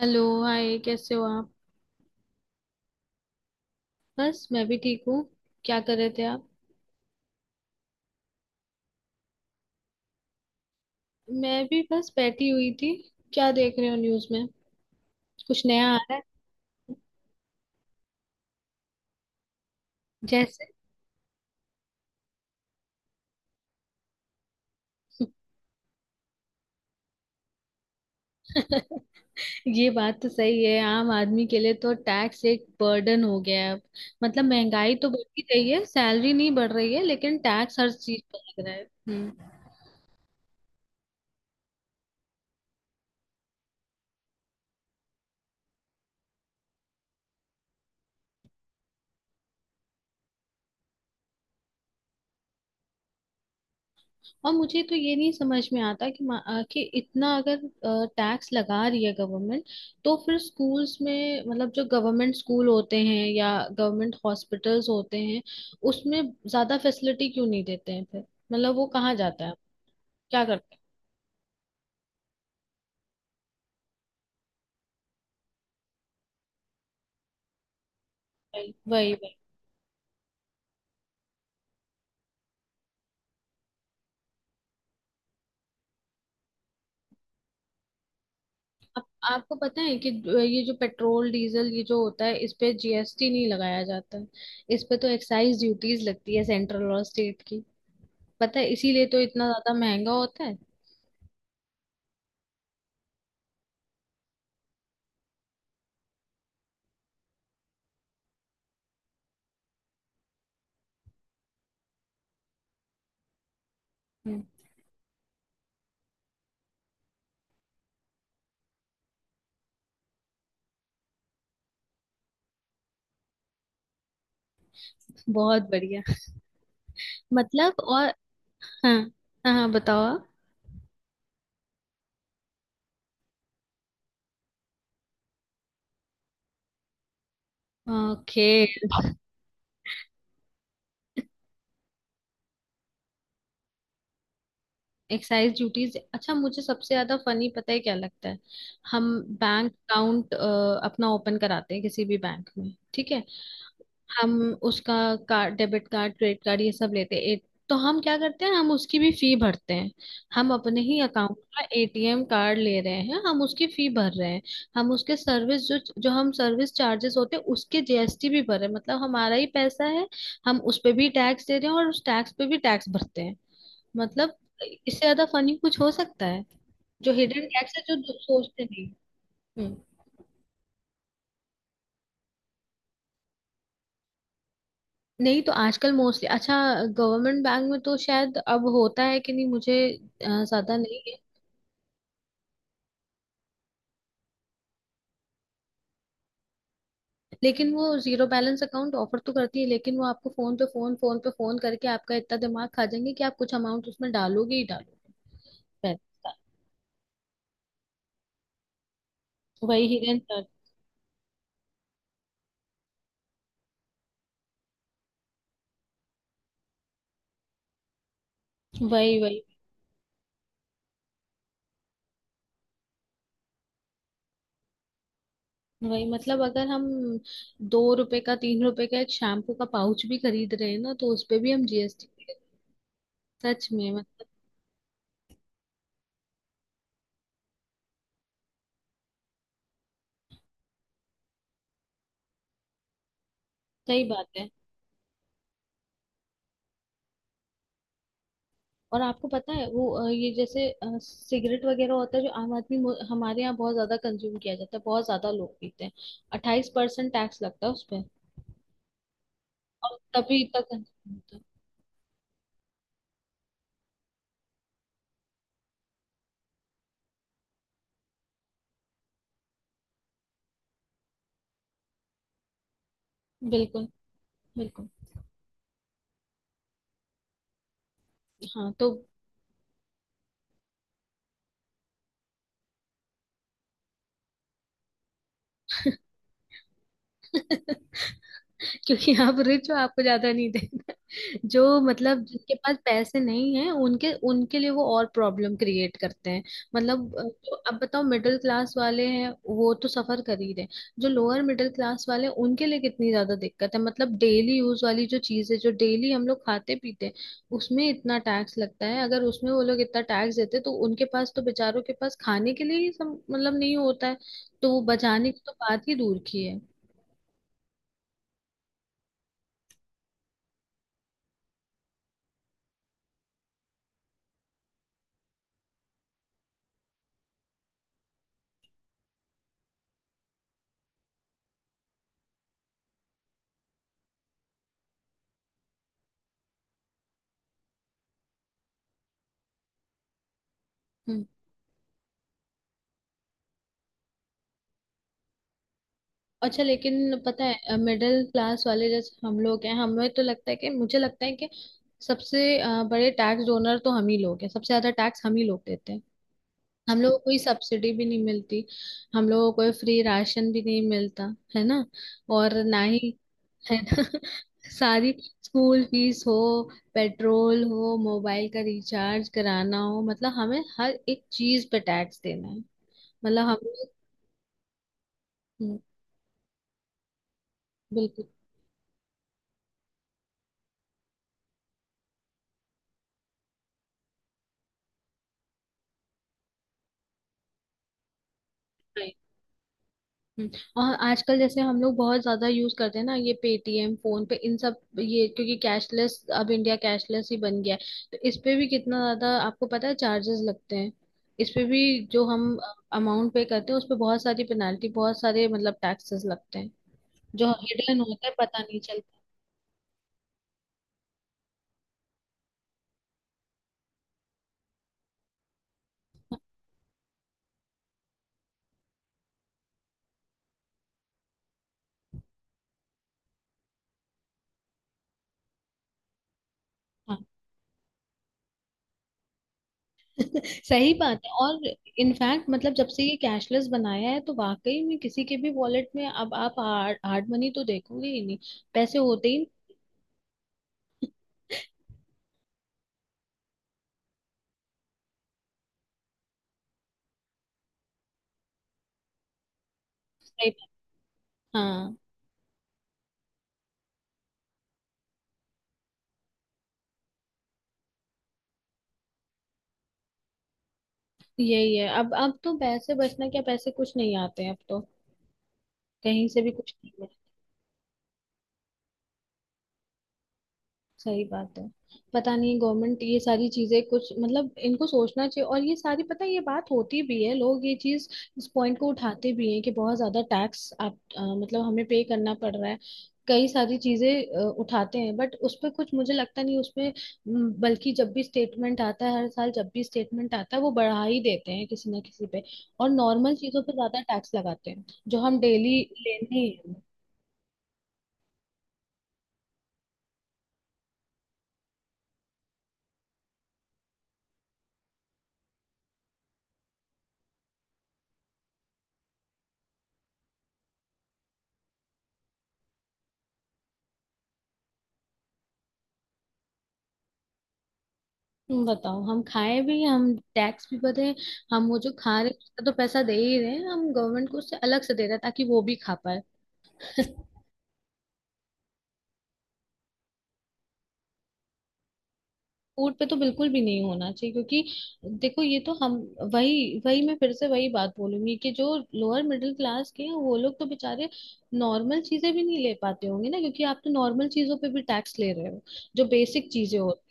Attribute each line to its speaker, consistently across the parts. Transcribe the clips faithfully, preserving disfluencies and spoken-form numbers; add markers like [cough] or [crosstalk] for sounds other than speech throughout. Speaker 1: Hello, hi, कैसे हो आप? बस मैं भी ठीक हूँ। क्या कर रहे थे आप? मैं भी बस बैठी हुई थी। क्या देख रहे हो न्यूज़ में? कुछ नया आ रहा है? जैसे? [laughs] ये बात तो सही है, आम आदमी के लिए तो टैक्स एक बर्डन हो गया है अब। मतलब महंगाई तो बढ़ती रही है, सैलरी नहीं बढ़ रही है, लेकिन टैक्स हर चीज पर लग रहा है। हम्म। और मुझे तो ये नहीं समझ में आता कि मा- अ, कि इतना अगर टैक्स लगा रही है गवर्नमेंट, तो फिर स्कूल्स में मतलब जो गवर्नमेंट स्कूल होते हैं या गवर्नमेंट हॉस्पिटल्स होते हैं, उसमें ज्यादा फैसिलिटी क्यों नहीं देते हैं फिर? मतलब वो कहाँ जाता है? क्या करते हैं? वही वही वही। आपको पता है कि ज- ये जो पेट्रोल डीजल ये जो होता है इस पे जीएसटी नहीं लगाया जाता है। इस पे तो एक्साइज ड्यूटीज लगती है, सेंट्रल और स्टेट की। पता है, इसीलिए तो इतना ज्यादा महंगा होता है। हम्म। बहुत बढ़िया। मतलब और, हाँ। हाँ हाँ, बताओ आप। ओके। एक्साइज ड्यूटीज, अच्छा मुझे सबसे ज्यादा फनी पता है क्या लगता है? हम। बैंक अकाउंट अपना ओपन कराते हैं किसी भी बैंक में, ठीक है। हम उसका card, debit card, credit card ये सब लेते हैं। ए- तो हम क्या करते हैं, हम उसकी भी फी भरते हैं। हम अपने ही अकाउंट का एटीएम कार्ड ले रहे हैं, हम उसकी फी भर रहे हैं। हम उसके सर्विस, जो जो हम सर्विस चार्जेस होते हैं उसके जीएसटी भी भर रहे हैं, मतलब हमारा ही पैसा है। हम उस पे भी टैक्स दे रहे हैं और उस टैक्स पे भी टैक्स भरते हैं। मतलब, इससे ज्यादा फनी कुछ हो सकता है? जो हिडन टैक्स है जो दो- सोचते नहीं। हम्म। नहीं तो आजकल मोस्टली, अच्छा गवर्नमेंट बैंक में तो शायद अब होता है कि नहीं मुझे अ, ज्यादा नहीं है। लेकिन वो जीरो बैलेंस अकाउंट ऑफर तो करती है, लेकिन वो आपको फोन पे फोन, फोन पे फोन करके आपका इतना दिमाग खा जाएंगे कि आप कुछ अमाउंट उसमें डालोगे ही डालोगे। पैसा। वही हिरन कर- वही वही वही। मतलब अगर हम दो रुपए का, तीन रुपए का एक शैम्पू का पाउच भी खरीद रहे हैं ना, तो उस पे भी हम जीएसटी। सच में मतलब। सही बात है। और आपको पता है वो, अ, ये जैसे अ, सिगरेट वगैरह होता है जो आम आदमी, मु- हमारे यहाँ बहुत ज्यादा कंज्यूम किया जाता है, बहुत ज्यादा लोग पीते हैं। अट्ठाईस परसेंट टैक्स लगता है उस पर। और तभी इतना कंज्यूम होता है। बिल्कुल। बिल्कुल। हाँ तो। क्योंकि आप रिच हो, आपको ज्यादा नहीं देना। जो मतलब जिनके पास पैसे नहीं है उनके उनके लिए वो और प्रॉब्लम क्रिएट करते हैं। मतलब अ, जो अब बताओ मिडिल क्लास वाले हैं, वो तो सफर कर ही रहे हैं। जो लोअर मिडिल क्लास वाले हैं उनके लिए कितनी ज्यादा दिक्कत है, मतलब डेली यूज वाली जो चीज है, जो डेली हम लोग खाते पीते हैं, उसमें इतना टैक्स लगता है। अगर उसमें वो लोग इतना टैक्स देते तो उनके पास तो बेचारों के पास खाने के लिए ही सम, मतलब नहीं होता है। तो वो बचाने की तो बात ही दूर की है। हम्म। अच्छा लेकिन पता है मिडिल क्लास वाले जैसे हम लोग हैं, हमें तो लगता है कि, मुझे लगता है कि सबसे अ, बड़े टैक्स डोनर तो हम ही लोग हैं, सबसे ज्यादा टैक्स हम ही लोग देते हैं। हम लोगों को कोई सब्सिडी भी नहीं मिलती। हम लोगों को कोई फ्री राशन भी नहीं मिलता। है ना? और ना ही, है ना। [laughs] सारी स्कूल फीस हो, पेट्रोल हो, मोबाइल का रिचार्ज कराना हो, मतलब हमें हर एक चीज पे टैक्स देना है। मतलब हम लोग। हम्म। बिल्कुल। हम्म। और आजकल जैसे हम लोग बहुत ज्यादा यूज करते हैं ना, ये पेटीएम, फोन पे, इन सब, ये क्योंकि कैशलेस, अब इंडिया कैशलेस ही बन गया है। तो इस पे भी कितना ज्यादा आपको पता है चार्जेस लगते हैं। इस पे भी जो हम अमाउंट पे करते हैं, उस पे बहुत सारी पेनाल्टी, बहुत सारे मतलब टैक्सेस लगते हैं, जो हिडन होता है, पता नहीं चलता। हाँ। [laughs] सही बात है। और इनफैक्ट मतलब, जब से ये कैशलेस बनाया है, तो वाकई में किसी के भी वॉलेट में अब आप हार्ड मनी तो देखोगे ही नहीं, पैसे होते ही नहीं। हाँ, यही है। अब अब तो पैसे बचना क्या, पैसे कुछ नहीं आते हैं अब तो, कहीं से भी कुछ नहीं। सही बात है। पता नहीं गवर्नमेंट ये सारी चीजें कुछ मतलब इनको सोचना चाहिए, और ये सारी पता है ये बात होती भी है, लोग ये चीज, इस पॉइंट को उठाते भी हैं कि बहुत ज्यादा टैक्स आप अ, मतलब हमें पे करना पड़ रहा है, कई सारी चीजें अ, उठाते हैं, बट उस पे कुछ मुझे लगता नहीं उस पे। म, बल्कि जब भी स्टेटमेंट आता है, हर साल जब भी स्टेटमेंट आता है, वो बढ़ा ही देते हैं किसी ना किसी पे, और नॉर्मल चीजों पे ज्यादा टैक्स लगाते हैं, जो हम डेली लेने। तुम बताओ, हम खाएं भी, हम टैक्स भी भरे। हम वो जो खा रहे हैं, उसका तो पैसा दे ही रहे हैं, हम गवर्नमेंट को उससे अलग से दे रहे हैं ताकि वो भी खा पाए। [laughs] फूड पे तो बिल्कुल भी नहीं होना चाहिए, क्योंकि देखो ये तो हम, वही वही मैं फिर से वही बात बोलूंगी कि जो लोअर मिडिल क्लास के हैं, वो लोग तो बेचारे नॉर्मल चीजें भी नहीं ले पाते होंगे ना, क्योंकि आप तो नॉर्मल चीजों पे भी टैक्स ले रहे हो, जो बेसिक चीजें होती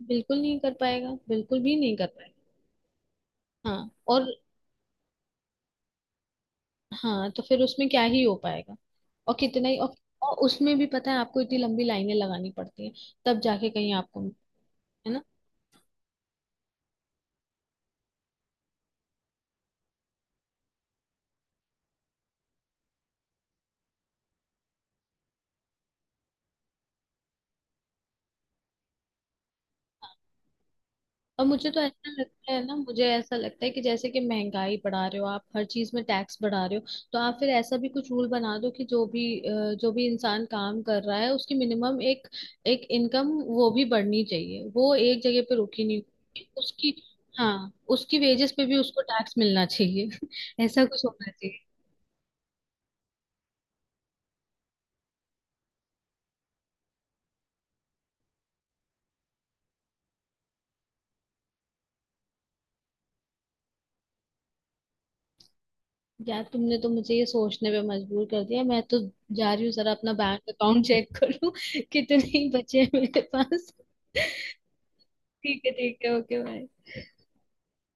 Speaker 1: हैं, बिल्कुल नहीं कर पाएगा, बिल्कुल भी नहीं कर पाएगा। हाँ, और? हाँ तो फिर उसमें क्या ही हो पाएगा, और कितना ही, और। और उसमें भी पता है आपको इतनी लंबी लाइनें लगानी पड़ती हैं, तब जाके कहीं आपको, है ना? और मुझे तो ऐसा लगता है ना, मुझे ऐसा लगता है कि, जैसे कि महंगाई बढ़ा रहे हो आप, हर चीज में टैक्स बढ़ा रहे हो। तो आप फिर ऐसा भी कुछ रूल बना दो कि जो भी, अ, जो भी इंसान काम कर रहा है, उसकी मिनिमम एक एक इनकम वो भी बढ़नी चाहिए, वो एक जगह पे रुकी नहीं होनी। उसकी, हाँ, उसकी वेजेस पे भी उसको टैक्स मिलना चाहिए। [laughs] ऐसा कुछ होना। यार तुमने तो मुझे ये सोचने पे मजबूर कर दिया, मैं तो जा रही हूँ जरा अपना बैंक अकाउंट चेक करूँ। [laughs] कितने बचे हैं मेरे पास। [laughs] ठीक है, ठीक है, ओके, बाय।